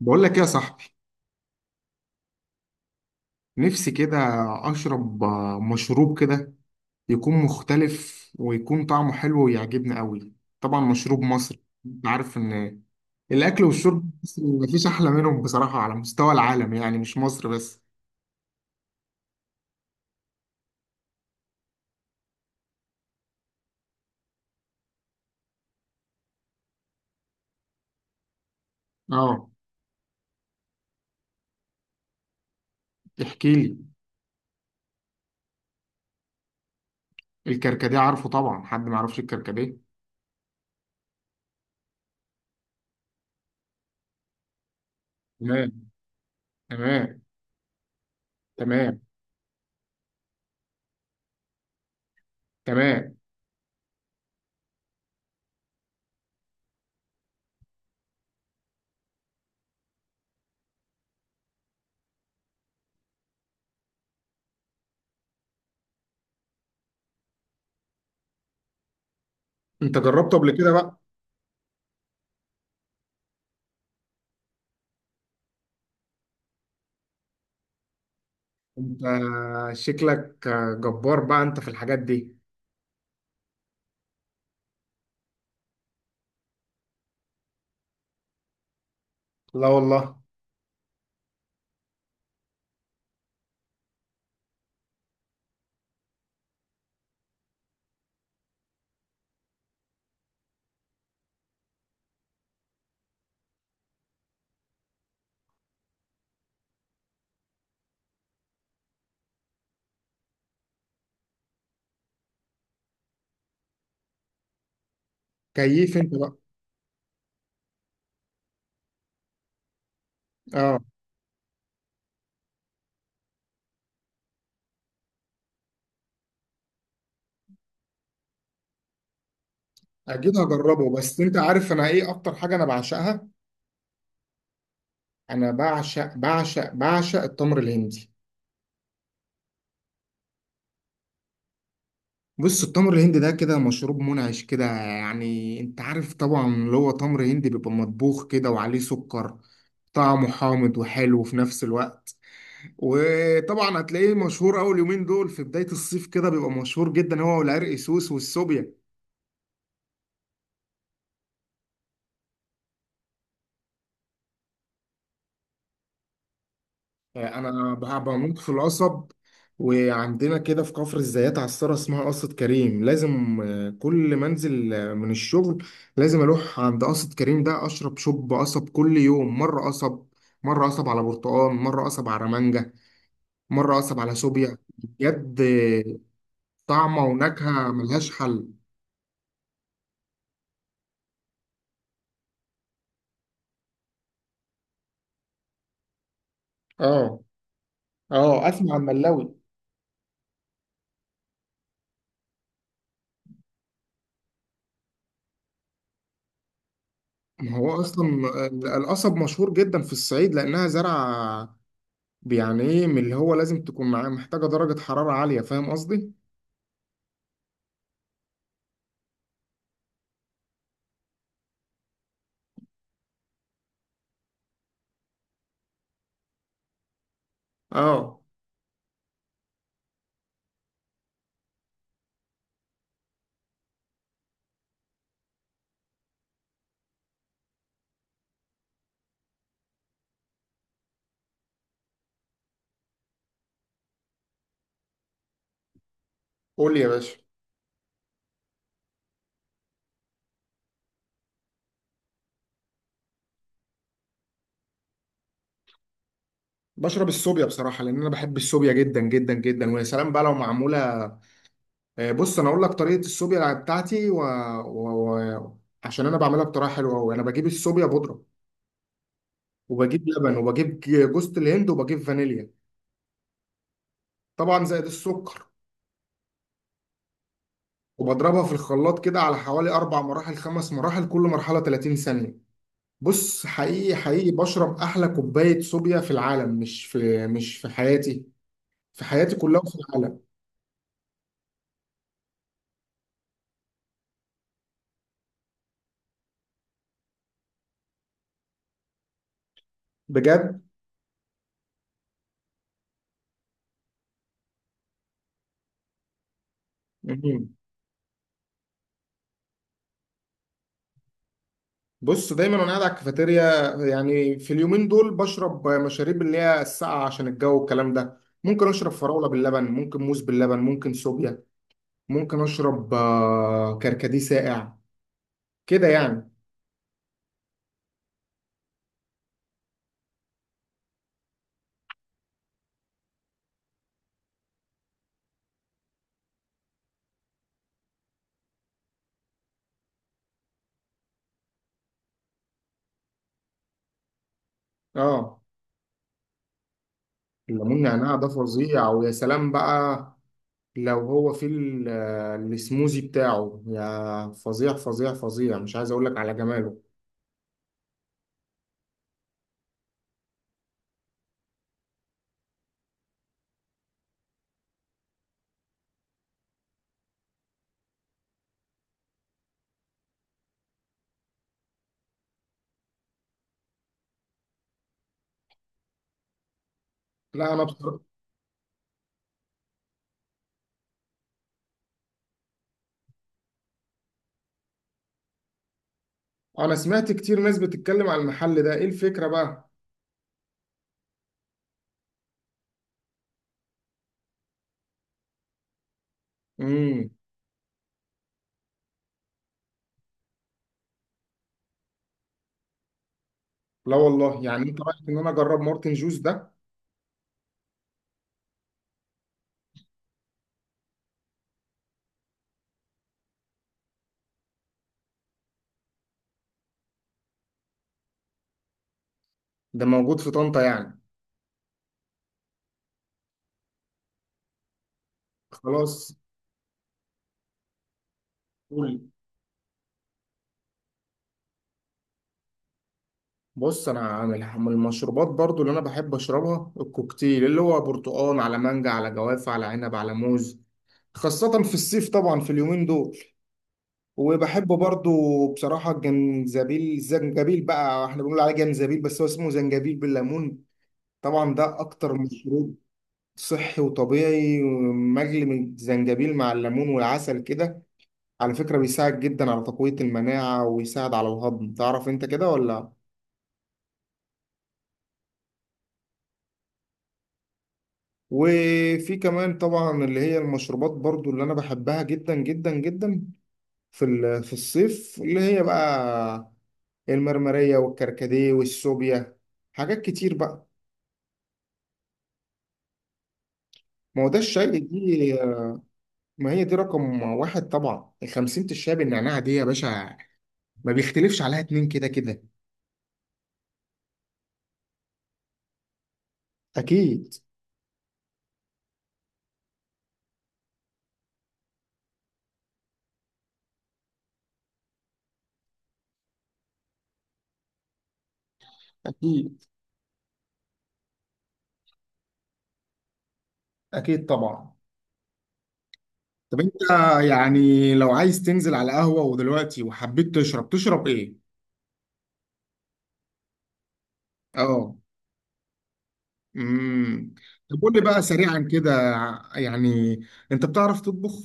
بقول لك ايه يا صاحبي؟ نفسي كده اشرب مشروب كده يكون مختلف، ويكون طعمه حلو ويعجبني قوي. طبعا مشروب مصري، انت عارف ان الاكل والشرب المصري مفيش احلى منهم بصراحة، على مستوى العالم يعني، مش مصر بس. اه، احكي لي. الكركديه عارفه طبعا، حد ما يعرفش الكركديه؟ تمام، تمام، تمام، تمام. انت جربته قبل كده بقى؟ انت شكلك جبار بقى انت في الحاجات دي. لا والله. كيف انت بقى! آه. اكيد هجربه، بس انت عارف انا ايه اكتر حاجه انا بعشقها؟ انا بعشق بعشق بعشق التمر الهندي. بص، التمر الهندي ده كده مشروب منعش كده يعني. انت عارف طبعا اللي هو تمر هندي بيبقى مطبوخ كده وعليه سكر. طعمه حامض وحلو في نفس الوقت. وطبعا هتلاقيه مشهور اول يومين دول في بدايه الصيف، كده بيبقى مشهور جدا، هو والعرق سوس والسوبيا. انا بموت في القصب. وعندنا كده في كفر الزيات عصارة اسمها قصة كريم. لازم كل ما انزل من الشغل، لازم اروح عند قصة كريم ده اشرب شوب قصب. كل يوم مرة قصب، مرة قصب على برتقال، مرة قصب على مانجا، مرة قصب على سوبيا بجد. طعمة ونكهة ملهاش حل. اه. اه، اسمع الملاوي. ما هو اصلا القصب مشهور جدا في الصعيد، لانها زرعة يعني ايه، من اللي هو لازم تكون معاه، محتاجة درجة حرارة عالية. فاهم قصدي؟ اه. قول لي يا باشا. بشرب السوبيا بصراحة، لأن أنا بحب السوبيا جدا جدا جدا، ويا سلام بقى لو معمولة. بص أنا أقول لك طريقة السوبيا بتاعتي و... و... عشان أنا بعملها بطريقة حلوة أوي. أنا بجيب السوبيا بودرة، وبجيب لبن، وبجيب جوز الهند، وبجيب فانيليا. طبعا زائد السكر. وبضربها في الخلاط كده، على حوالي أربع مراحل، خمس مراحل، كل مرحلة 30 ثانية. بص، حقيقي حقيقي بشرب احلى كوبايه صوبيا في العالم، مش في حياتي، في حياتي كلها وفي العالم. بجد مهم. بص، دايما وانا قاعد على الكافيتيريا، يعني في اليومين دول بشرب مشاريب اللي هي الساقعه عشان الجو والكلام ده. ممكن اشرب فراوله باللبن، ممكن موز باللبن، ممكن صوبيا، ممكن اشرب كركديه ساقع، كده يعني. اه. الليمون نعناع ده فظيع، ويا سلام بقى لو هو في السموزي بتاعه، يا فظيع فظيع فظيع، مش عايز اقول لك على جماله. لا انا بصراحة. انا سمعت كتير ناس بتتكلم على المحل ده. ايه الفكرة بقى؟ امم. لا والله، يعني انت رايك ان انا اجرب مارتن جوز ده؟ ده موجود في طنطا يعني؟ خلاص. قول. بص، انا عامل من المشروبات برضو اللي انا بحب اشربها الكوكتيل، اللي هو برتقال على مانجا على جوافة على عنب على موز. خاصة في الصيف طبعا، في اليومين دول. وبحبه برضو. بصراحة الزنجبيل بقى، احنا بنقول عليه جنزبيل بس هو اسمه زنجبيل، بالليمون. طبعا ده أكتر مشروب صحي وطبيعي، مجلي، من الزنجبيل مع الليمون والعسل كده. على فكرة بيساعد جدا على تقوية المناعة، ويساعد على الهضم. تعرف انت كده ولا؟ وفي كمان طبعا اللي هي المشروبات برضو اللي انا بحبها جدا جدا جدا، في في الصيف، اللي هي بقى المرمرية والكركديه والسوبيا. حاجات كتير بقى. ما هو ده الشاي دي. ما هي دي رقم واحد طبعا، الخمسين الشاي بالنعناع دي يا باشا، ما بيختلفش عليها اتنين، كده كده. أكيد، أكيد، أكيد، طبعا. طب أنت، يعني لو عايز تنزل على قهوة ودلوقتي وحبيت تشرب إيه؟ أه. امم. طب قول لي بقى سريعا كده، يعني أنت بتعرف تطبخ؟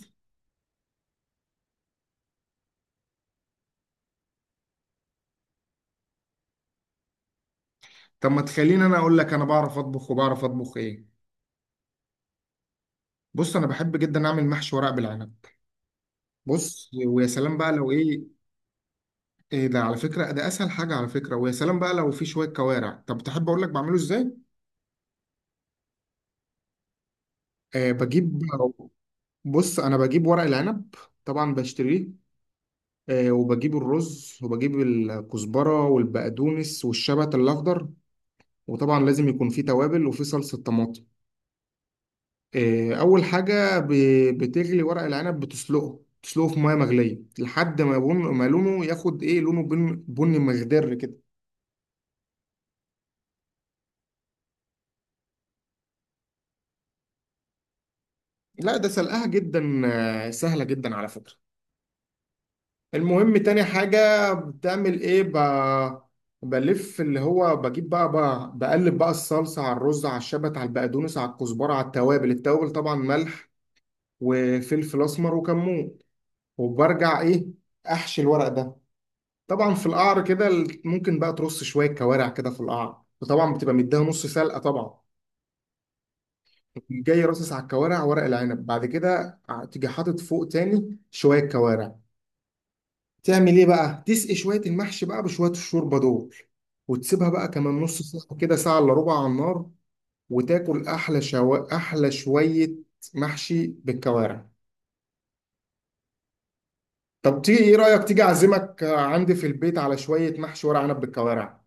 طب ما تخليني أنا أقول لك، أنا بعرف أطبخ، وبعرف أطبخ إيه؟ بص، أنا بحب جدا أعمل محشي ورق بالعنب. بص، ويا سلام بقى لو إيه. ايه ده، على فكرة ده اسهل حاجة، على فكرة ويا سلام بقى لو في شوية كوارع. طب تحب اقول لك بعمله ازاي؟ آه بجيب بص، انا بجيب ورق العنب، طبعا بشتريه. وبجيب الرز، وبجيب الكزبرة والبقدونس والشبت الاخضر، وطبعا لازم يكون فيه توابل، وفيه صلصة طماطم. اول حاجة بتغلي ورق العنب، تسلقه في ميه مغليه لحد ما يبون، ما لونه ياخد ايه، لونه بني مخضر كده. لا ده سلقها جدا سهله جدا على فكره. المهم تاني حاجة بتعمل ايه؟ بلف، اللي هو بجيب بقى, بقى بقلب بقى الصلصة على الرز، على الشبت، على البقدونس، على الكزبرة، على التوابل، التوابل طبعا ملح وفلفل أسمر وكمون. وبرجع ايه؟ أحشي الورق ده. طبعا في القعر كده ممكن بقى ترص شوية كوارع كده في القعر، وطبعا بتبقى مديها نص سلقة طبعا. جاي رصص على الكوارع ورق العنب، بعد كده تيجي حاطط فوق تاني شوية كوارع. تعمل ايه بقى؟ تسقي شويه المحشي بقى بشويه الشوربه دول، وتسيبها بقى كمان نص ساعه كده، ساعه الا ربع على النار. وتاكل احلى شويه محشي بالكوارع. طب تيجي، ايه رايك تيجي اعزمك عندي في البيت على شويه محشي ورق عنب بالكوارع؟